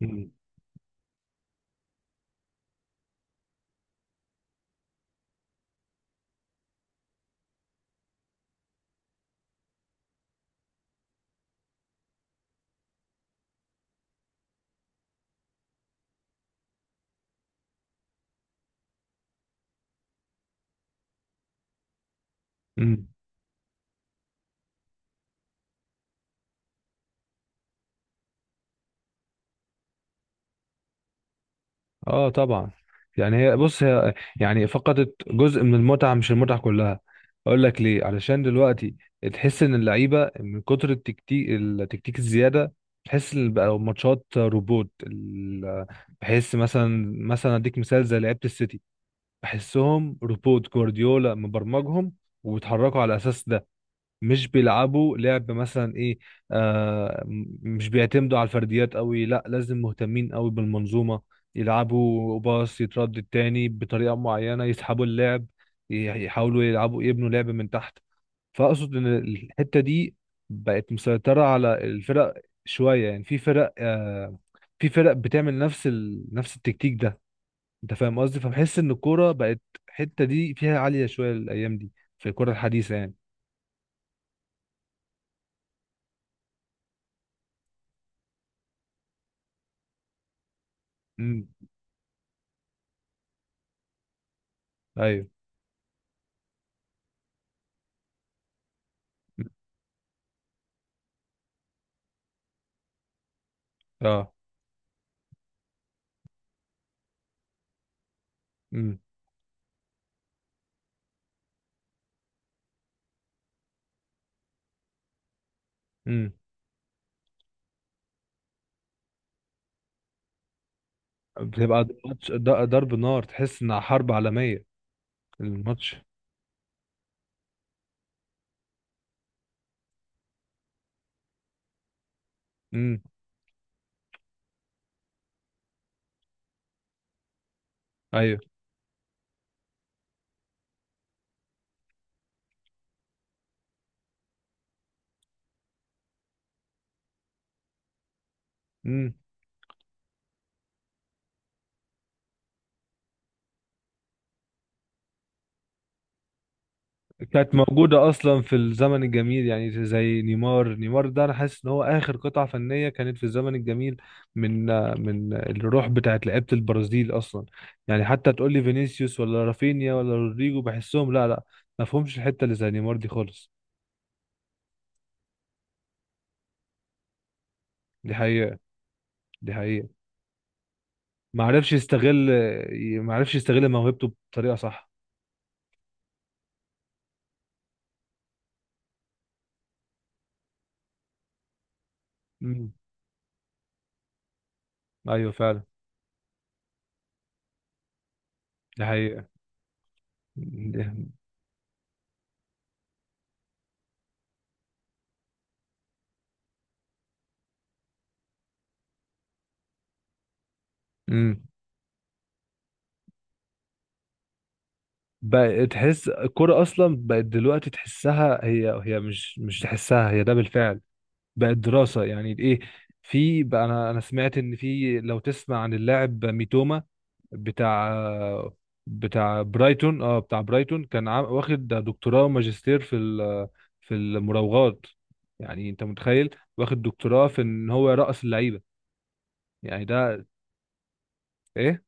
مم. مم. اه طبعا. يعني هي، بص، هي يعني فقدت جزء من المتعه مش المتعه كلها. اقول لك ليه، علشان دلوقتي تحس ان اللعيبه من كتر التكتيك الزياده. تحس ان بقى ماتشات روبوت. بحس مثلا، اديك مثال زي لعيبه السيتي، بحسهم روبوت، جوارديولا مبرمجهم وبيتحركوا على اساس ده. مش بيلعبوا لعب مثلا، ايه، مش بيعتمدوا على الفرديات قوي، لا، لازم مهتمين قوي بالمنظومة. يلعبوا باص، يتردد تاني بطريقة معينة، يسحبوا اللعب، يحاولوا يلعبوا، يبنوا لعب من تحت. فأقصد ان الحتة دي بقت مسيطرة على الفرق شوية. يعني في فرق، في فرق بتعمل نفس نفس التكتيك ده. انت فاهم قصدي؟ فبحس ان الكورة بقت الحتة دي فيها عالية شوية الأيام دي، في الكرة الحديثة يعني. امم. ايوه. اه. امم. امم. بتبقى ماتش ضرب نار، تحس انها حرب عالمية. الماتش. امم. ايوه. امم. كانت موجودة اصلا في الزمن الجميل، يعني زي نيمار. نيمار ده انا حاسس ان هو اخر قطعة فنية كانت في الزمن الجميل، من من الروح بتاعت لعيبة البرازيل اصلا. يعني حتى تقول لي فينيسيوس ولا رافينيا ولا رودريجو، بحسهم لا، لا ما فهمش الحتة اللي زي نيمار دي خالص. دي حقيقة. دي حقيقة. ما عرفش يستغل. ما عرفش يستغل موهبته بطريقة صح. امم. ايوه فعلا. دي حقيقة. امم. بقى تحس الكرة اصلا بقت دلوقتي، تحسها هي هي مش تحسها، هي ده بالفعل. بقت دراسة يعني، ايه. في بقى، انا سمعت ان في، لو تسمع عن اللاعب ميتوما بتاع، برايتون. اه، بتاع برايتون، كان واخد دكتوراه وماجستير في في المراوغات. يعني انت متخيل واخد دكتوراه في ان هو يرقص اللعيبة؟ يعني ده ايه؟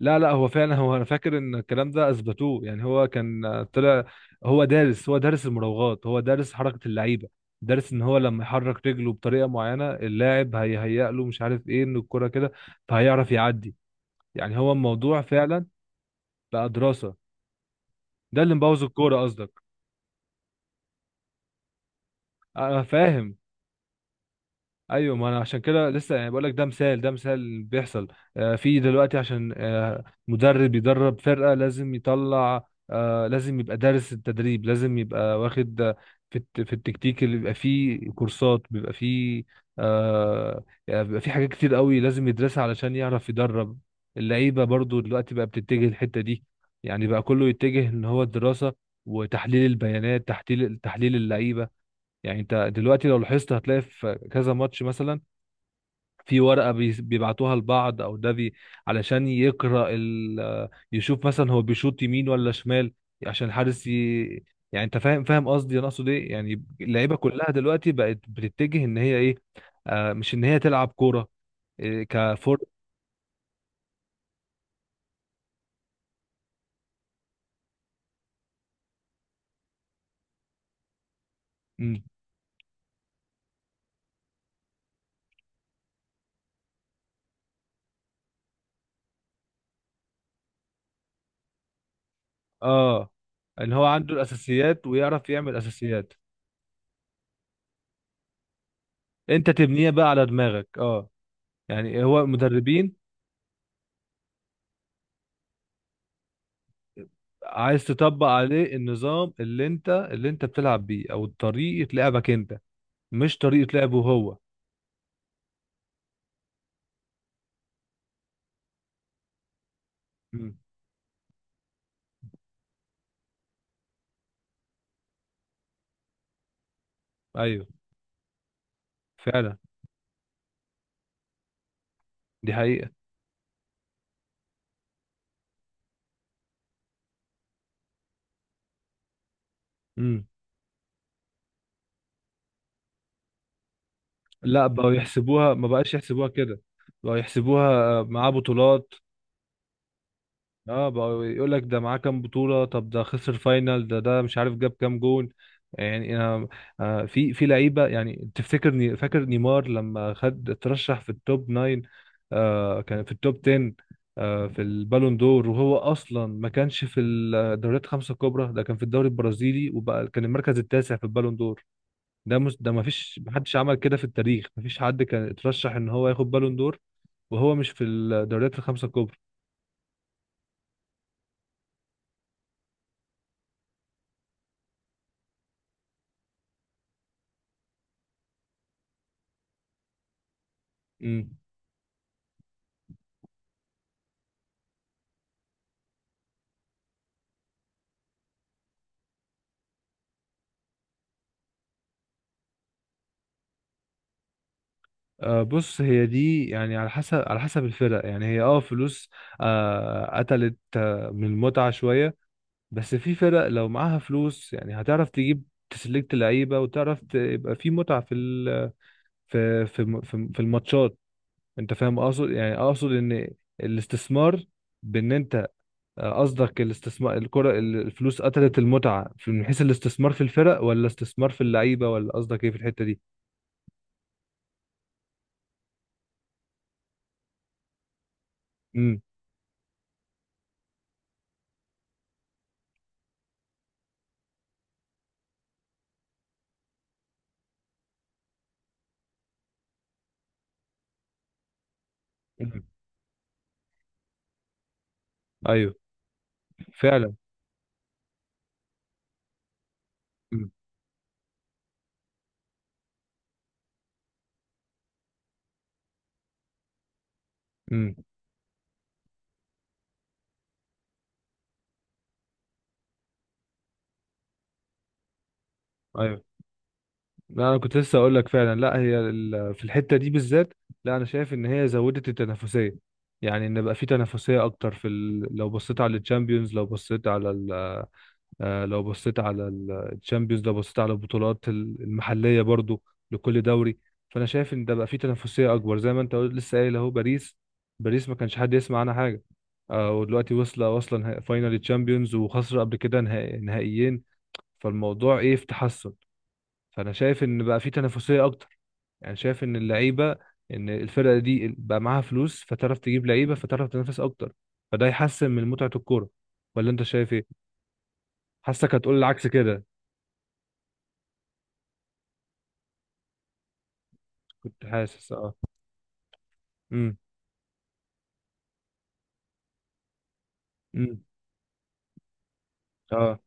لا، هو فعلا، انا فاكر ان الكلام ده اثبتوه. يعني هو كان، طلع هو دارس، دارس المراوغات، دارس حركه اللعيبه. دارس ان هو لما يحرك رجله بطريقه معينه اللاعب هيهيأ له مش عارف ايه ان الكره كده، فهيعرف يعدي. يعني هو الموضوع فعلا بقى دراسه. ده اللي مبوظ الكوره قصدك؟ انا فاهم. ايوه، ما انا عشان كده لسه يعني بقول لك، ده مثال، اللي بيحصل في دلوقتي. عشان مدرب يدرب فرقه لازم يطلع، لازم يبقى دارس التدريب، لازم يبقى واخد في في التكتيك، اللي بيبقى فيه كورسات، بيبقى فيه، يعني بيبقى فيه حاجات كتير قوي لازم يدرسها علشان يعرف يدرب. اللعيبه برضو دلوقتي بقى بتتجه الحته دي. يعني بقى كله يتجه ان هو الدراسه وتحليل البيانات، تحليل اللعيبه. يعني انت دلوقتي لو لاحظت هتلاقي في كذا ماتش مثلا في ورقة بيبعتوها لبعض، او ده بي، علشان يقرأ ال يشوف مثلا هو بيشوط يمين ولا شمال، عشان الحارس ي... يعني انت فاهم، قصدي. انا اقصد ايه يعني؟ اللعيبة كلها دلوقتي بقت بتتجه ان هي ايه، آه، مش ان هي تلعب كورة. إيه كفور. مم. اه، ان هو عنده الاساسيات ويعرف يعمل اساسيات، انت تبنيها بقى على دماغك. اه، يعني هو المدربين عايز تطبق عليه النظام اللي انت بتلعب بيه، او طريقة لعبك انت، مش طريقة لعبه هو. امم. ايوه فعلا. دي حقيقة. امم. لا بقوا يحسبوها، ما بقاش يحسبوها كده، بقوا يحسبوها، معاه بطولات. اه بقى يقول لك ده معاه كام بطولة، طب ده خسر فاينل، ده، مش عارف جاب كام جون. يعني انا، في لعيبة يعني، تفتكر، فاكر نيمار لما خد اترشح في التوب 9، آه كان في التوب 10، آه في البالون دور، وهو اصلا ما كانش في الدوريات الخمسة الكبرى، ده كان في الدوري البرازيلي، وبقى كان المركز التاسع في البالون دور. ده مس، ده ما فيش محدش عمل كده في التاريخ، ما فيش حد كان اترشح ان هو ياخد بالون دور وهو مش في الدوريات الخمسة الكبرى. امم. بص، هي دي يعني على حسب، الفرق. يعني هي اه فلوس، قتلت، من المتعة شوية. بس في فرق لو معاها فلوس يعني هتعرف تجيب تسلكت لعيبة وتعرف يبقى في متعة في في في الماتشات. انت فاهم اقصد يعني، اقصد ان الاستثمار، بان انت، قصدك الاستثمار الكرة الفلوس قتلت المتعة في، من حيث الاستثمار في الفرق ولا استثمار في اللعيبة، ولا قصدك ايه في الحتة دي؟ امم. ايوه فعلا. امم. امم، ايوه. لا، انا كنت لسه اقول لك، فعلا لا هي في الحته دي بالذات، لا انا شايف ان هي زودت التنافسيه. يعني ان بقى في تنافسيه اكتر في لو بصيت على الشامبيونز، لو بصيت على لو بصيت على الشامبيونز، لو بصيت على البطولات المحليه برضو، لكل دوري. فانا شايف ان ده بقى في تنافسيه اكبر. زي ما انت قلت، لسه قايل اهو باريس. باريس ما كانش حد يسمع عنها حاجه، ودلوقتي واصله، نهائي فاينال تشامبيونز، وخسر قبل كده نهائي، نهائيين. فالموضوع ايه، في تحسن. فانا شايف ان بقى في تنافسيه اكتر، يعني شايف ان اللعيبه، ان الفرقه دي بقى معاها فلوس فتعرف تجيب لعيبه فتعرف تنافس اكتر، فده يحسن من متعه الكوره. ولا انت شايف ايه؟ حاسك هتقول العكس كده. كنت حاسس اه. امم. امم. اه.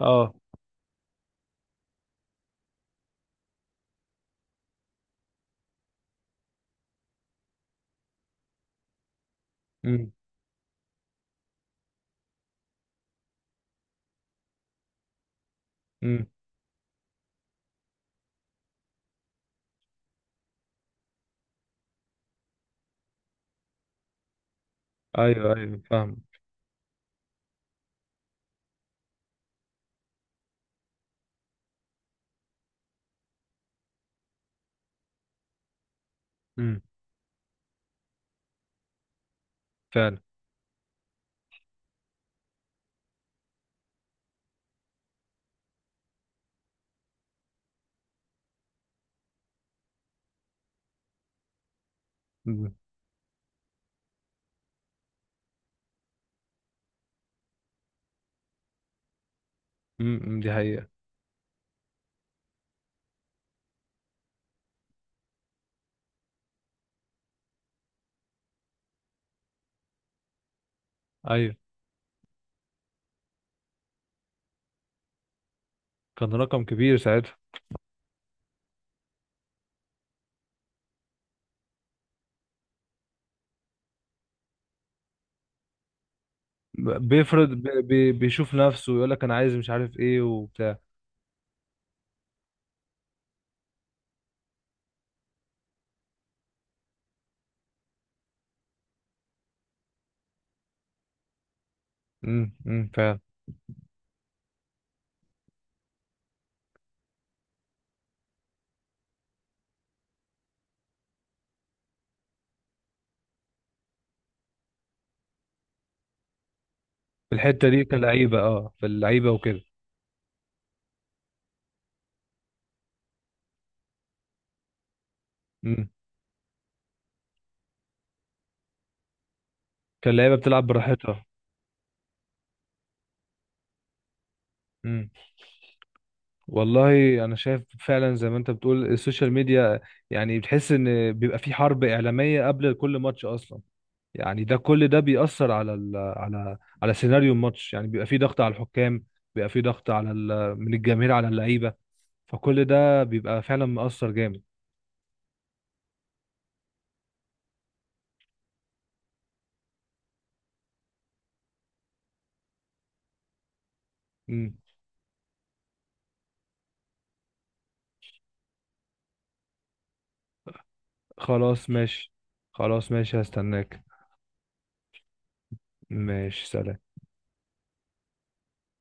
اه. امم. امم. ايوه ايوه فاهم. امم. فعلا. امم. امم، إمم، دي حقيقه. ايوه، كان رقم كبير ساعتها. بيشوف نفسه ويقول لك انا عايز مش عارف ايه وبتاع. امم. فعلا. في الحته دي كلاعيبه، اه في اللعيبه وكده. إمم. كان اللعيبه بتلعب براحتها. امم. والله، انا شايف فعلا زي ما انت بتقول السوشيال ميديا. يعني بتحس ان بيبقى في حرب اعلاميه قبل كل ماتش اصلا، يعني ده كل ده بيأثر على على سيناريو الماتش. يعني بيبقى في ضغط على الحكام، بيبقى في ضغط على ال من الجماهير على اللعيبه. فكل ده بيبقى فعلا مؤثر جامد. امم. خلاص ماشي. خلاص ماشي، هستناك. ماشي، سلام.